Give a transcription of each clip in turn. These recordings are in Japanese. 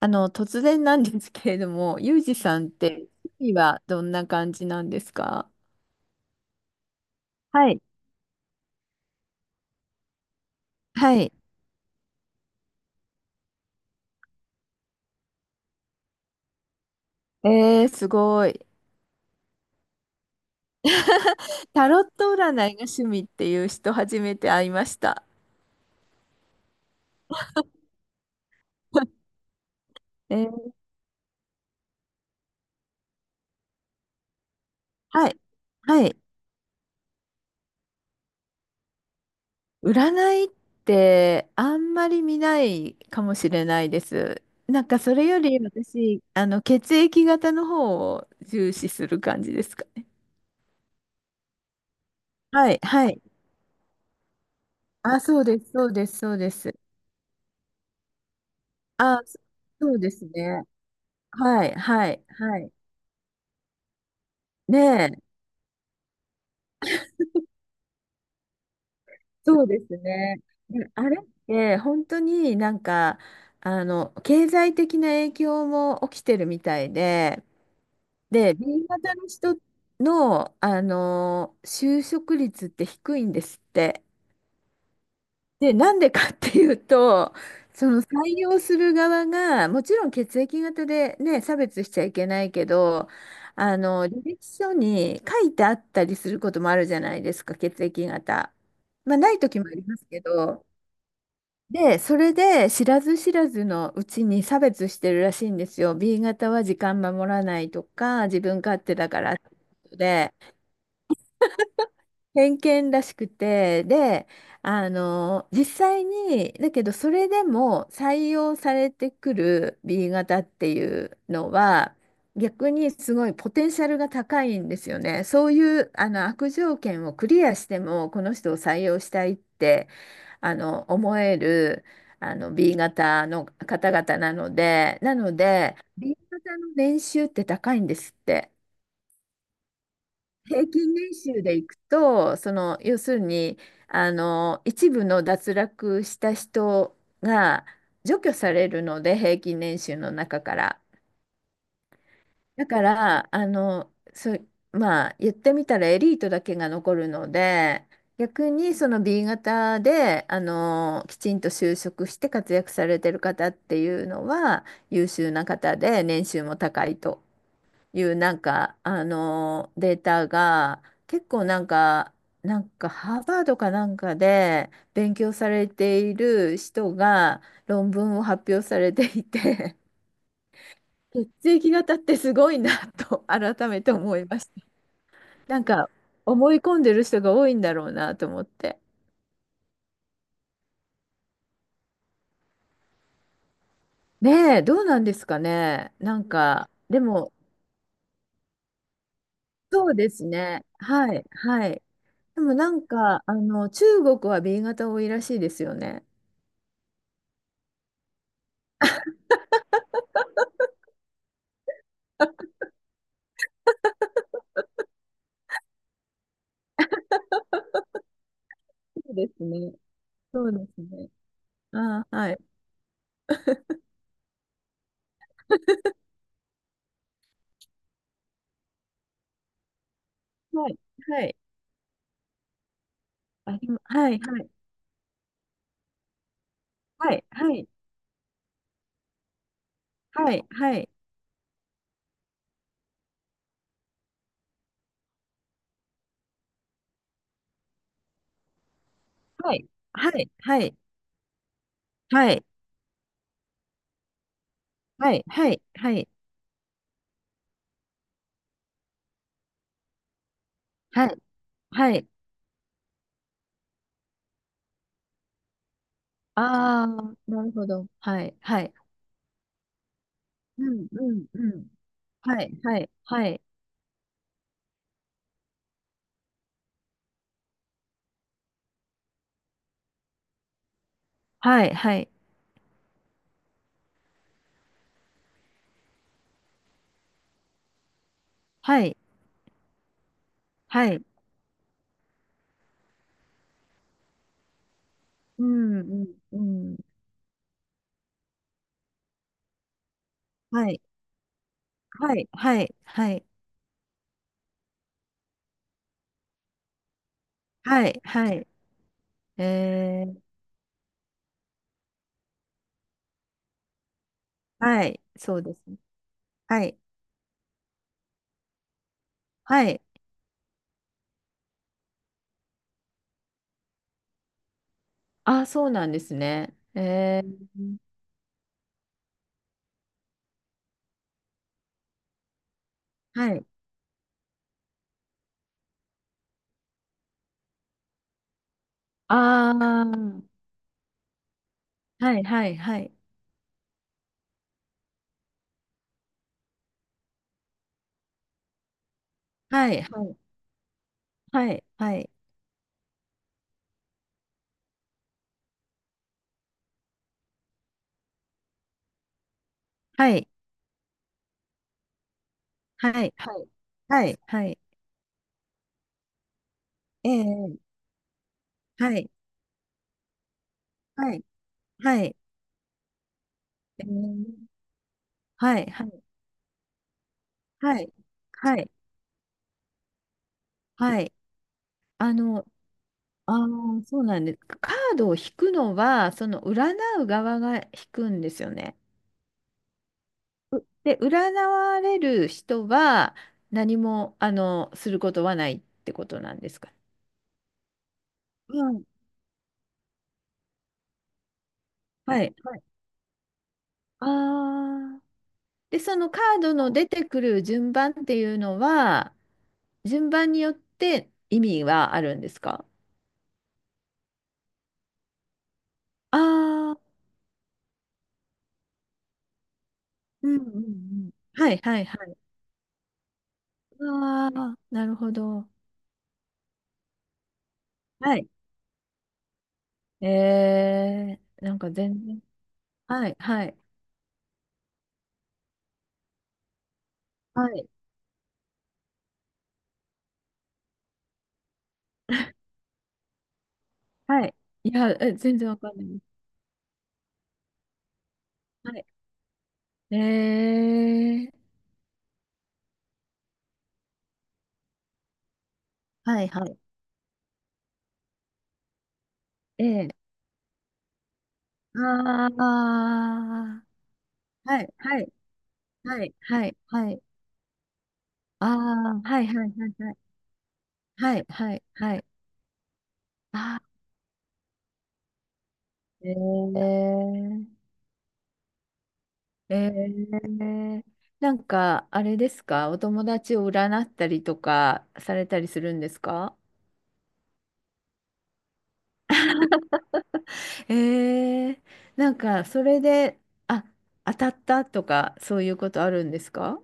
あの、突然なんですけれども、ユージさんって趣味はどんな感じなんですか？はい。はい。えー、すごい。タロット占いが趣味っていう人初めて会いました。えー、はい。はい。占いってあんまり見ないかもしれないです。なんかそれより私、あの、血液型の方を重視する感じですかね。はい、はい。あ、そうです、そうです、そうです。あ、そうですね。はい、はい、はい。ねえ、そうですね。で、あれって本当になんか、あの、経済的な影響も起きてるみたいで、で、B 型の人の、あの、就職率って低いんですって。で、なんでかっていうと、その採用する側が、もちろん血液型でね、差別しちゃいけないけど、あの、履歴書に書いてあったりすることもあるじゃないですか、血液型。まあ、ない時もありますけど、で、それで知らず知らずのうちに差別してるらしいんですよ。B 型は時間守らないとか、自分勝手だからってことで。偏見らしくて、で、あの、実際に、だけどそれでも採用されてくる B 型っていうのは、逆にすごいポテンシャルが高いんですよね。そういうあの悪条件をクリアしても、この人を採用したいってあの思えるあの B 型の方々なので、なので、B 型の年収って高いんですって。平均年収でいくと、その要するにあの一部の脱落した人が除去されるので、平均年収の中から。だからあのまあ言ってみたらエリートだけが残るので、逆にその B 型であのきちんと就職して活躍されてる方っていうのは優秀な方で年収も高いと。いうなんか、あのデータが結構なんか、なんかハーバードかなんかで勉強されている人が論文を発表されていて、血液型ってすごいなと改めて思いました。なんか思い込んでる人が多いんだろうなと思って。ねえ、どうなんですかね。なんか、でも、そうですね。はい、はい。でもなんか、あの、中国は B 型多いらしいですよね。そうですね。そうですね。ああ、はい。はい。はい。ありま、はい。はい。はい。はい。はい。はい。はい。はい。はい。はい。はい。はい。はい。はい。はい。ああ、なるほど。はい。はい。うん。うん。うん。はい。はい。はい。はい。はい。はい。はい。うん。うん。うん。はい。はい。はい。はい。はい。はい。えー、はい。そうですね。はい。はい。ああ、そうなんですね。えー、はい。ああ、はいはいはい。はい、はい、はい、はい、はい、はい、はい、はい、ええ、はい、はい、はい、ええ、はい、はい、はい、はい、はい、あの、ああ、そうなんです。カードを引くのは、その占う側が引くんですよね。で、占われる人は何も、あの、することはないってことなんですか。うん。はい、はい。ああ。で、そのカードの出てくる順番っていうのは、順番によって意味はあるんですか？ああー、うんうんうん。はいはいはい。ああ、なるほど。はい。えー、なんか全然。はいはいはい。はい。いや、え全然わかんないです。はい。えー、はいはい。ええ、ああー、はいはいはいはいはい。ああ、はいはいはいはい。はいはいはい。あ、えー、えー、なんか、あれですか、お友達を占ったりとかされたりするんですか？えー、なんか、それで、あ、当たったとか、そういうことあるんですか？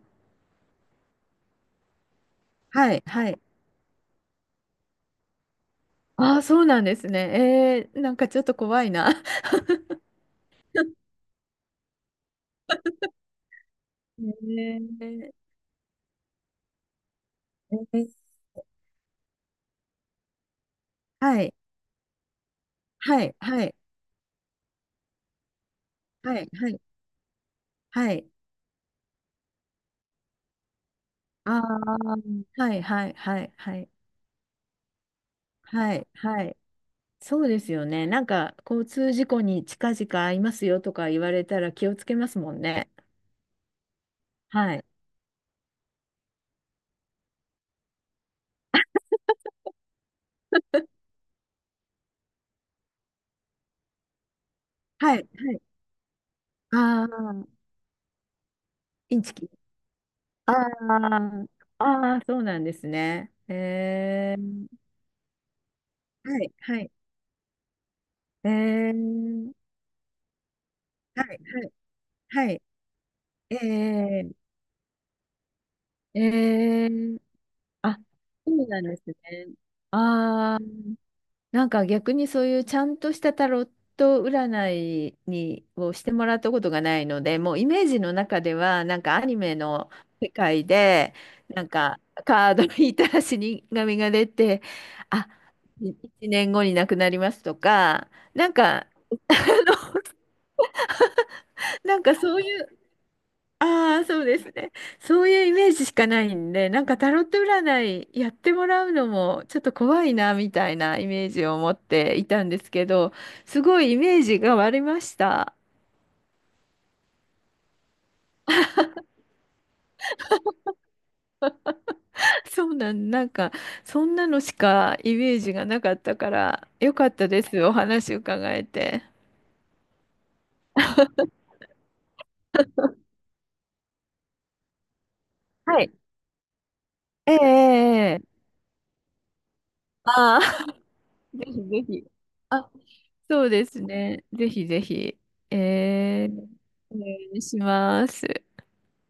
はい、はい。ああ、そうなんですね。えー、なんかちょっと怖いな。えー、えー、はい、はい、はい、はい、はい、はい。ああ、はい、はい、はい、はい、はい、はい。そうですよね。なんか、交通事故に近々会いますよとか言われたら気をつけますもんね。はい。はい。はい。ああ、インチキ。ああ、ああ、そうなんですね。えー、はい、はい。えー、はい、はい、はい。えー、えー、あ、そうなんですね。ああ、なんか逆にそういうちゃんとしたタロット占いにをしてもらったことがないので、もうイメージの中ではなんかアニメの世界でなんかカード引いたら死神が出て、あ、1年後に亡くなりますとか、なんか、なんかそういう、ああ、そうですね。そういうイメージしかないんで、なんかタロット占いやってもらうのもちょっと怖いなみたいなイメージを持っていたんですけど、すごいイメージが割れました。なんかそんなのしかイメージがなかったから、よかったです。お話伺えて。はい。ええええええ、ああ、ぜひぜひ。あ、そうですね。ぜひぜひ。ええ、お願いします。